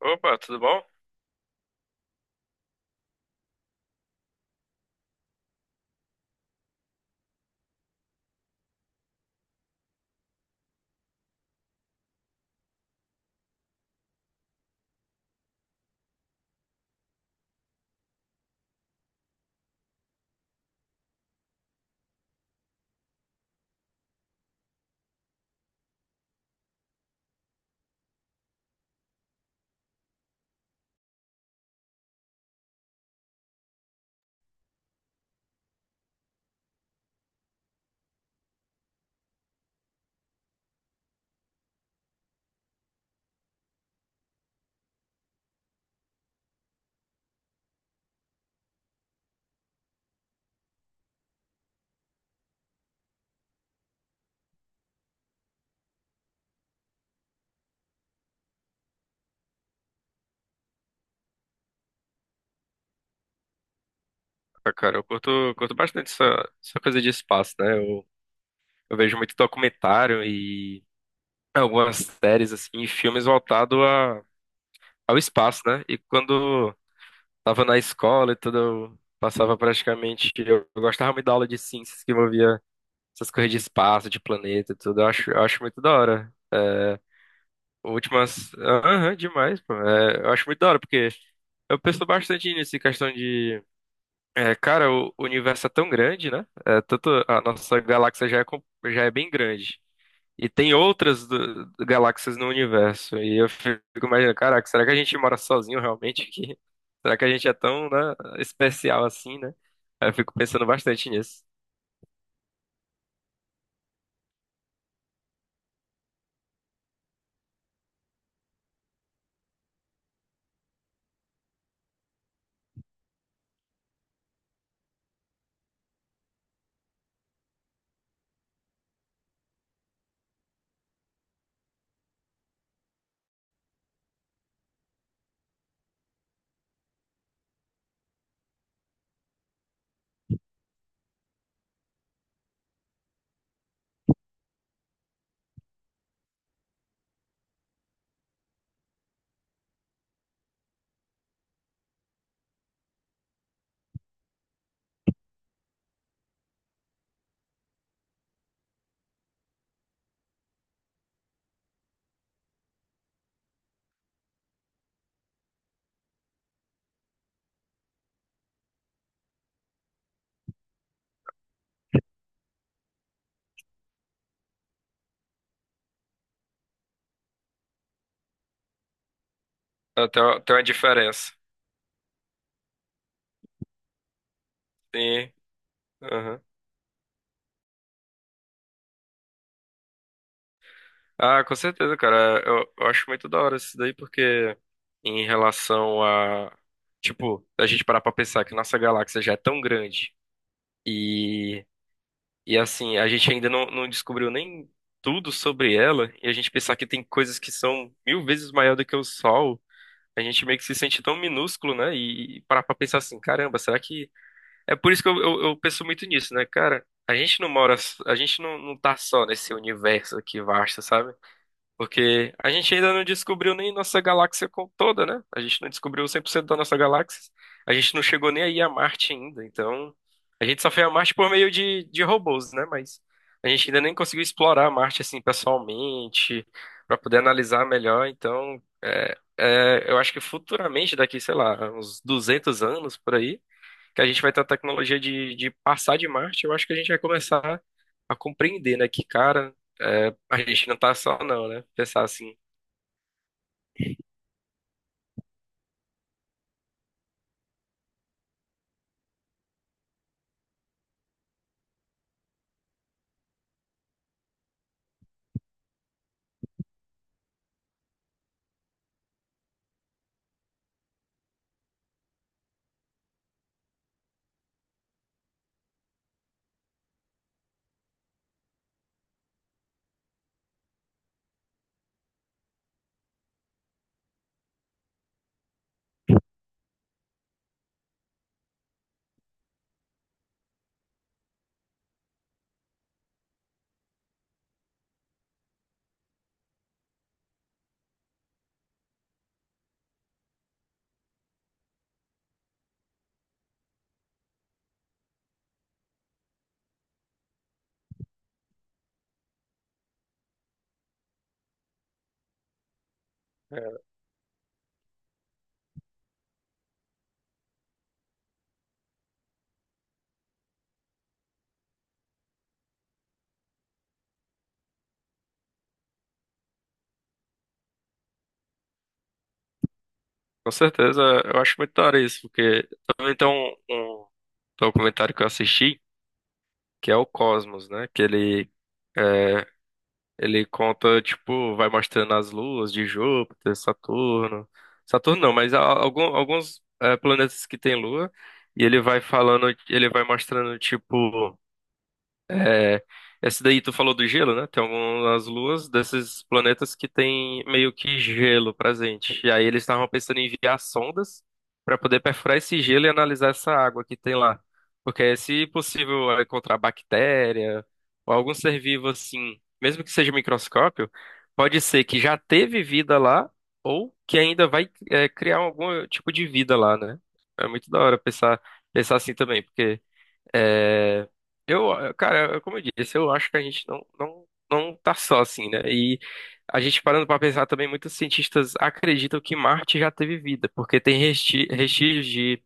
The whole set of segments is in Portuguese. Opa, tudo bom? Ah, cara, eu curto bastante essa coisa de espaço, né? Eu vejo muito documentário e algumas séries, assim, e filmes voltados ao espaço, né? E quando tava na escola e tudo, eu passava praticamente. Eu gostava muito da aula de ciências que envolvia essas coisas de espaço, de planeta e tudo. Eu acho muito da hora. É, últimas. Aham, demais, pô. É, eu acho muito da hora, porque eu penso bastante nisso, em questão de. É, cara, o universo é tão grande, né? É, tanto a nossa galáxia já é, já é bem grande. E tem galáxias no universo. E eu fico imaginando, caraca, será que a gente mora sozinho realmente aqui? Será que a gente é tão, né, especial assim, né? Aí eu fico pensando bastante nisso. Ah, tem uma diferença. Sim. Aham. Ah, com certeza, cara. Eu acho muito da hora isso daí, porque em relação a. Tipo, a gente parar pra pensar que nossa galáxia já é tão grande. e E assim, a gente ainda não descobriu nem tudo sobre ela, e a gente pensar que tem coisas que são mil vezes maior do que o Sol, a gente meio que se sente tão minúsculo, né? E parar pra pensar assim, caramba, será que. É por isso que eu penso muito nisso, né, cara? A gente não mora, a gente não tá só nesse universo aqui vasto, sabe? Porque a gente ainda não descobriu nem nossa galáxia toda, né? A gente não descobriu 100% da nossa galáxia. A gente não chegou nem aí a Marte ainda. Então, a gente só foi a Marte por meio de robôs, né? Mas a gente ainda nem conseguiu explorar a Marte assim pessoalmente, para poder analisar melhor. Então, eu acho que futuramente, daqui, sei lá, uns 200 anos por aí, que a gente vai ter a tecnologia de passar de Marte, eu acho que a gente vai começar a compreender, né? Que, cara, é, a gente não tá só, não, né? Pensar assim. É, com certeza, eu acho muito da hora isso, porque também tem um documentário que eu assisti, que é o Cosmos, né? É, Ele conta, tipo, vai mostrando as luas de Júpiter, Saturno. Saturno não, mas alguns é, planetas que têm lua, e ele vai falando, ele vai mostrando, tipo. É, essa daí tu falou do gelo, né? Tem algumas luas desses planetas que tem meio que gelo presente. E aí eles estavam pensando em enviar sondas para poder perfurar esse gelo e analisar essa água que tem lá. Porque se possível é encontrar bactéria ou algum ser vivo assim, mesmo que seja microscópio, pode ser que já teve vida lá ou que ainda vai é, criar algum tipo de vida lá, né? É muito da hora pensar, Pensar assim também, porque. É, eu, cara, como eu disse, eu acho que a gente não tá só assim, né? E a gente parando pra pensar também, muitos cientistas acreditam que Marte já teve vida, porque tem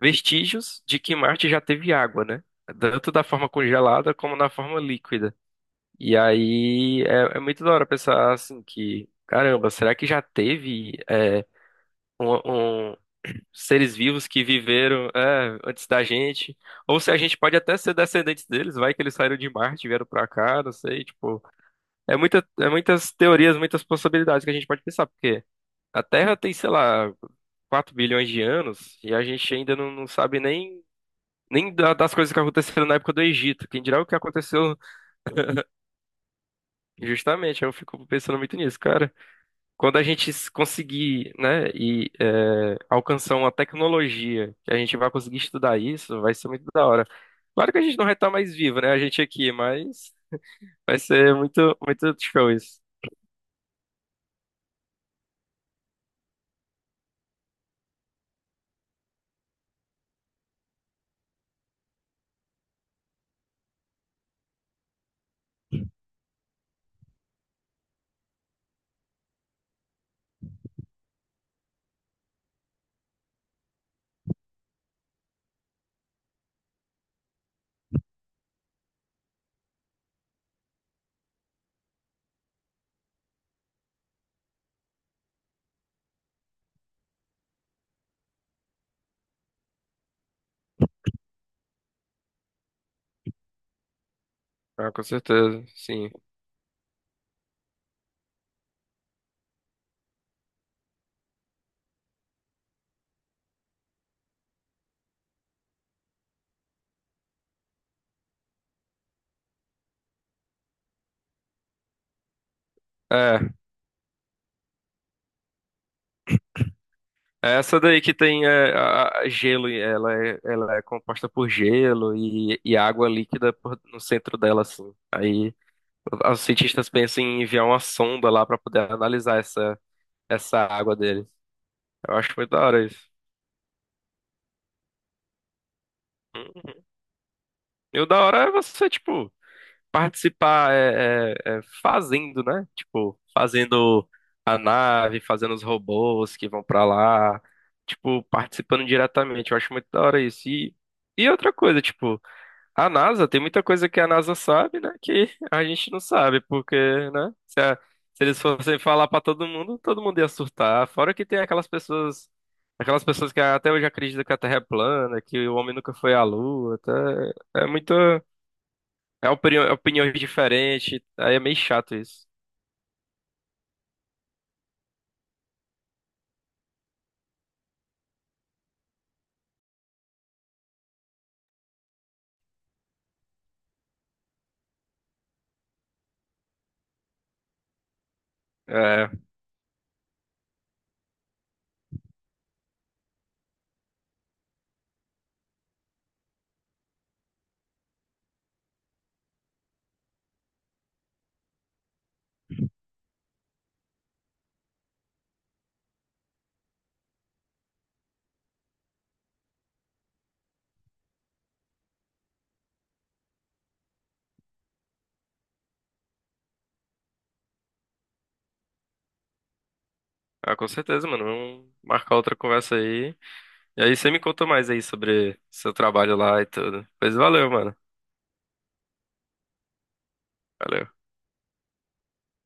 vestígios de que Marte já teve água, né? Tanto da forma congelada como na forma líquida. E aí é muito da hora pensar assim que, caramba, será que já teve é, um seres vivos que viveram, é, antes da gente, ou se a gente pode até ser descendentes deles, vai que eles saíram de Marte, e vieram pra cá, não sei, tipo, é muitas teorias, muitas possibilidades que a gente pode pensar, porque a Terra tem, sei lá, 4 bilhões de anos e a gente ainda não sabe nem nem das coisas que aconteceram na época do Egito. Quem dirá o que aconteceu justamente? Eu fico pensando muito nisso, cara. Quando a gente conseguir, né, e é, alcançar uma tecnologia que a gente vai conseguir estudar isso, vai ser muito da hora. Claro que a gente não vai estar mais vivo, né, a gente aqui, mas vai ser muito show isso. Ah, com certeza, sim. É, é essa daí que tem é, gelo, e ela é composta por gelo e água líquida no centro dela, assim. Aí os cientistas pensam em enviar uma sonda lá para poder analisar essa água dele. Eu acho muito da hora isso. E o da hora é você, tipo, participar é fazendo, né? Tipo, fazendo a nave, fazendo os robôs que vão pra lá, tipo, participando diretamente. Eu acho muito da hora isso. E outra coisa, tipo. A NASA, tem muita coisa que a NASA sabe, né? Que a gente não sabe, porque, né? Se eles fossem falar pra todo mundo ia surtar. Fora que tem aquelas pessoas que até hoje acreditam que a Terra é plana, que o homem nunca foi à Lua, tá? É muito, é opiniões diferentes, aí é meio chato isso. É, ah, com certeza, mano. Vamos marcar outra conversa aí. E aí você me conta mais aí sobre seu trabalho lá e tudo. Pois valeu, mano. Valeu.